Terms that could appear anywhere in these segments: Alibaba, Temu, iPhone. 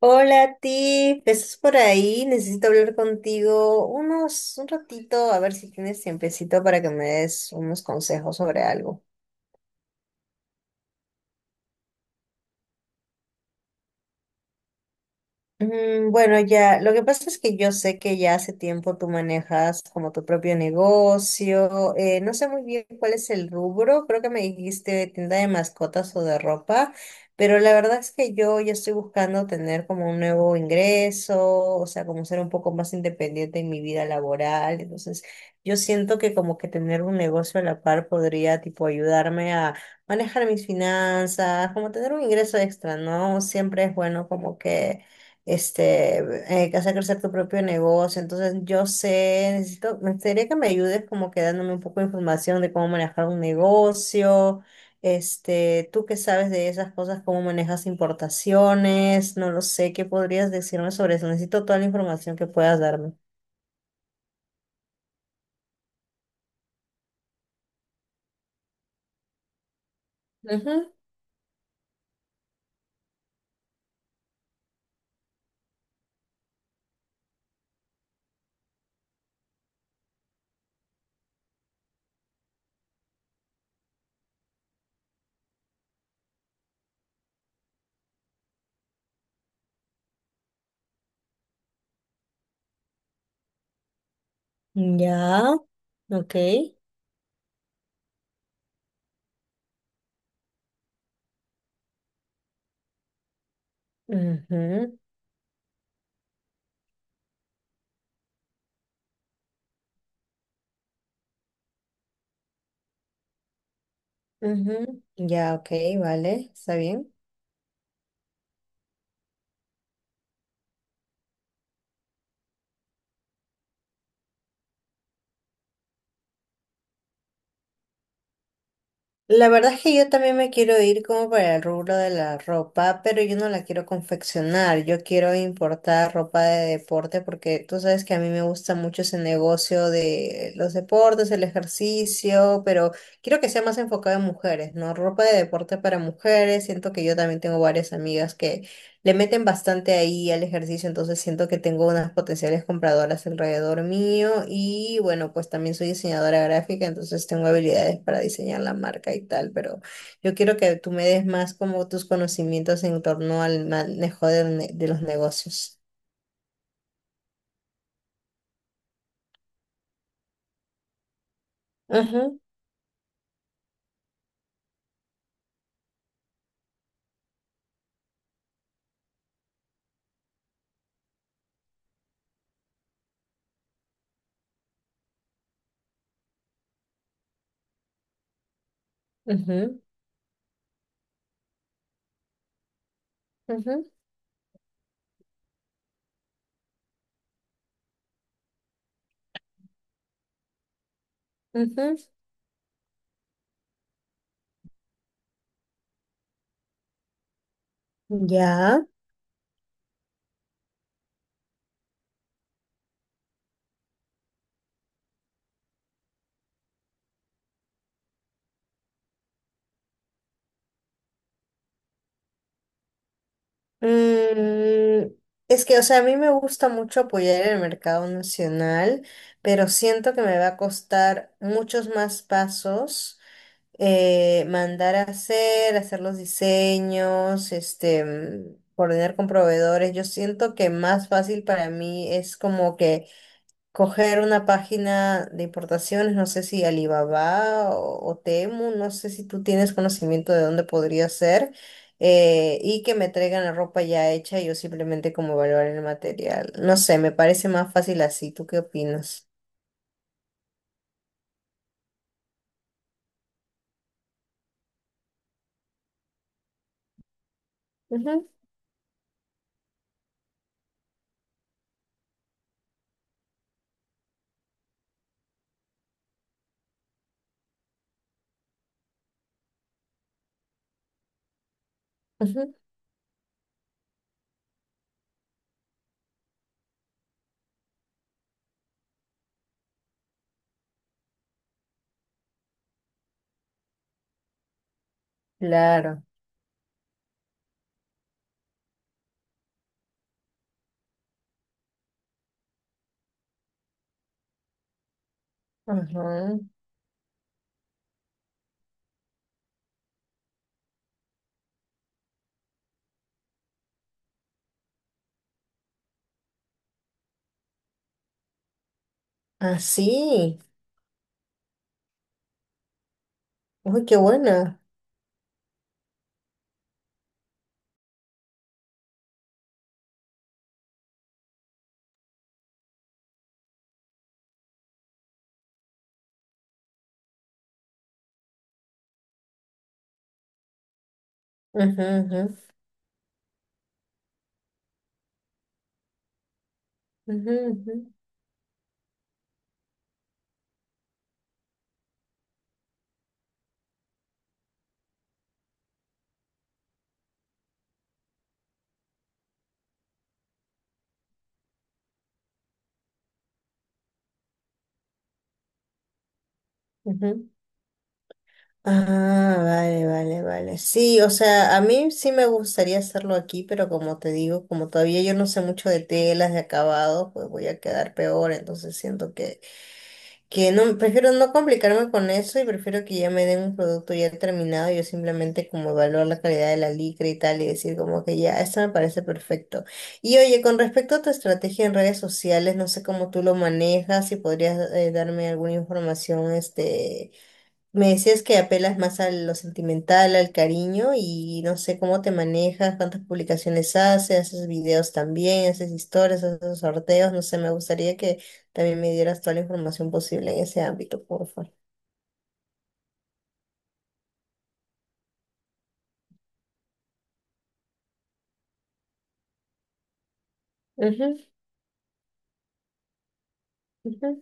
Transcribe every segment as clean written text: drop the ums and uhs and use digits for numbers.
Hola, Tiff, ¿estás por ahí? Necesito hablar contigo un ratito, a ver si tienes tiempecito para que me des unos consejos sobre algo. Bueno, ya, lo que pasa es que yo sé que ya hace tiempo tú manejas como tu propio negocio. No sé muy bien cuál es el rubro, creo que me dijiste tienda de mascotas o de ropa, pero la verdad es que yo ya estoy buscando tener como un nuevo ingreso, o sea, como ser un poco más independiente en mi vida laboral. Entonces, yo siento que como que tener un negocio a la par podría tipo ayudarme a manejar mis finanzas, como tener un ingreso extra, ¿no? Siempre es bueno como que este, que hacer crecer tu propio negocio. Entonces, yo sé, necesito, me gustaría que me ayudes como que dándome un poco de información de cómo manejar un negocio. Este, tú qué sabes de esas cosas, cómo manejas importaciones, no lo sé, ¿qué podrías decirme sobre eso? Necesito toda la información que puedas darme. Ujú. Ya, ok. Ujú, ujú. Ya, ok, vale, está bien. La verdad es que yo también me quiero ir como para el rubro de la ropa, pero yo no la quiero confeccionar, yo quiero importar ropa de deporte porque tú sabes que a mí me gusta mucho ese negocio de los deportes, el ejercicio, pero quiero que sea más enfocado en mujeres, ¿no? Ropa de deporte para mujeres, siento que yo también tengo varias amigas le meten bastante ahí al ejercicio, entonces siento que tengo unas potenciales compradoras alrededor mío y bueno, pues también soy diseñadora gráfica, entonces tengo habilidades para diseñar la marca y tal, pero yo quiero que tú me des más como tus conocimientos en torno al manejo de, de los negocios. Ujú, ujú, ujú, ujú. Ya. Mm, es que, o sea, a mí me gusta mucho apoyar el mercado nacional, pero siento que me va a costar muchos más pasos, mandar a hacer, hacer los diseños, coordinar con proveedores. Yo siento que más fácil para mí es como que coger una página de importaciones, no sé si Alibaba o Temu, no sé si tú tienes conocimiento de dónde podría ser, y que me traigan la ropa ya hecha y yo simplemente como evaluar el material. No sé, me parece más fácil así. ¿Tú qué opinas? Ujú, ujú, claro. Ajá. Así. Uy, qué buena. Ujú, ujú, ujú, ujú, ujú. Ah, vale, vale, vale. Sí, o sea, a mí sí me gustaría hacerlo aquí, pero como te digo, como todavía yo no sé mucho de telas, de acabados, pues voy a quedar peor, entonces siento que no, prefiero no complicarme con eso y prefiero que ya me den un producto ya terminado, yo simplemente como evaluar la calidad de la licra y tal y decir como que ya, esto me parece perfecto. Y oye, con respecto a tu estrategia en redes sociales, no sé cómo tú lo manejas, si podrías darme alguna información, este me decías que apelas más a lo sentimental, al cariño y no sé cómo te manejas, cuántas publicaciones haces, haces videos también, haces historias, haces sorteos, no sé, me gustaría que también me dieras toda la información posible en ese ámbito, por favor. Ujú, ujú,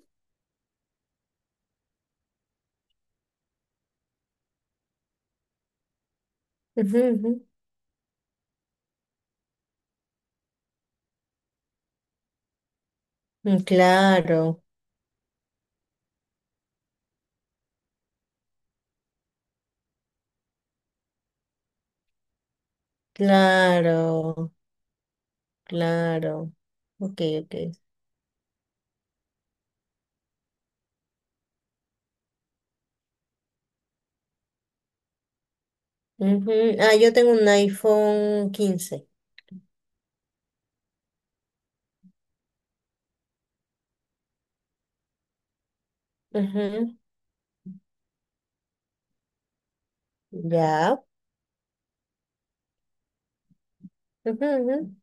ujú, ujú. Claro, claro, claro. Ok, ok. Ujú. Ah, yo tengo un iPhone 15. Ujú. Ya. Ujú, ujú.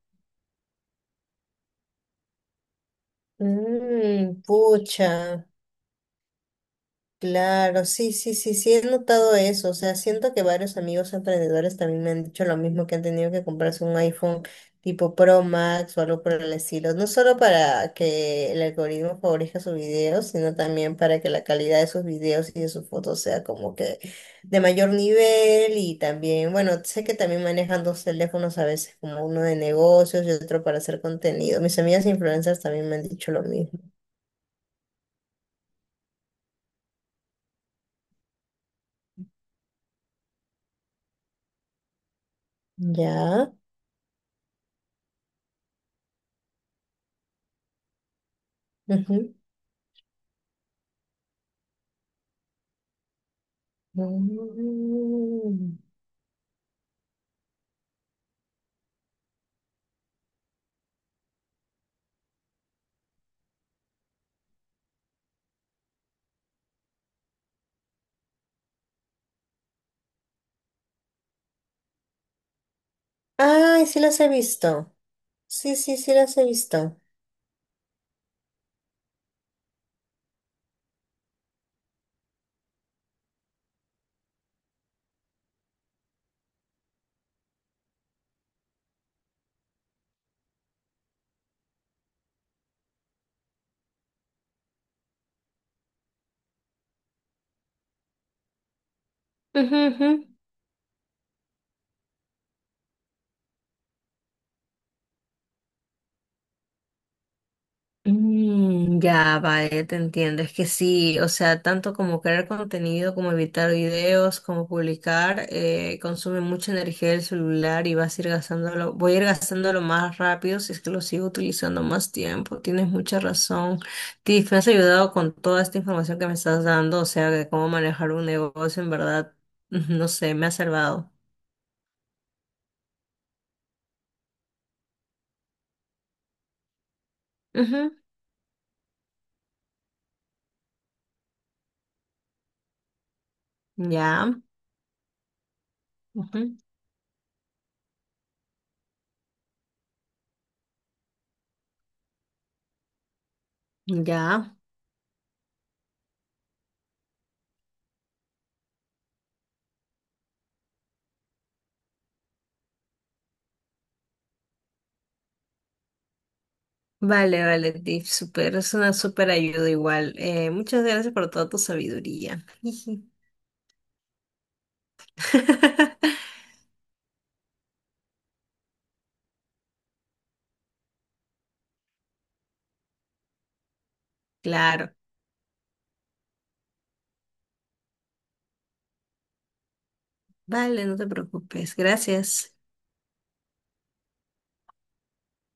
Mm, pucha. Claro, sí, sí, sí, sí, he notado eso. O sea, siento que varios amigos emprendedores también me han dicho lo mismo, que han tenido que comprarse un iPhone tipo Pro Max o algo por el estilo. No solo para que el algoritmo favorezca sus videos, sino también para que la calidad de sus videos y de sus fotos sea como que de mayor nivel. Y también, bueno, sé que también manejan dos teléfonos a veces, como uno de negocios y otro para hacer contenido. Mis amigas influencers también me han dicho lo mismo. Ya. Mm. Ay, sí las he visto. Sí, sí, sí las he visto. Ujú, ujú. Mm, ya, vale, te entiendo. Es que sí, o sea, tanto como crear contenido, como evitar videos, como publicar, consume mucha energía del celular y vas a ir gastándolo, voy a ir gastándolo más rápido si es que lo sigo utilizando más tiempo. Tienes mucha razón. Tiff, me has ayudado con toda esta información que me estás dando, o sea, de cómo manejar un negocio, en verdad, no sé, me ha salvado. Ujú, ya, ujú, ya. Vale, vale, Tiff, super, es una súper ayuda igual. Muchas gracias por toda tu sabiduría. Jiji. Claro, vale, no te preocupes, gracias.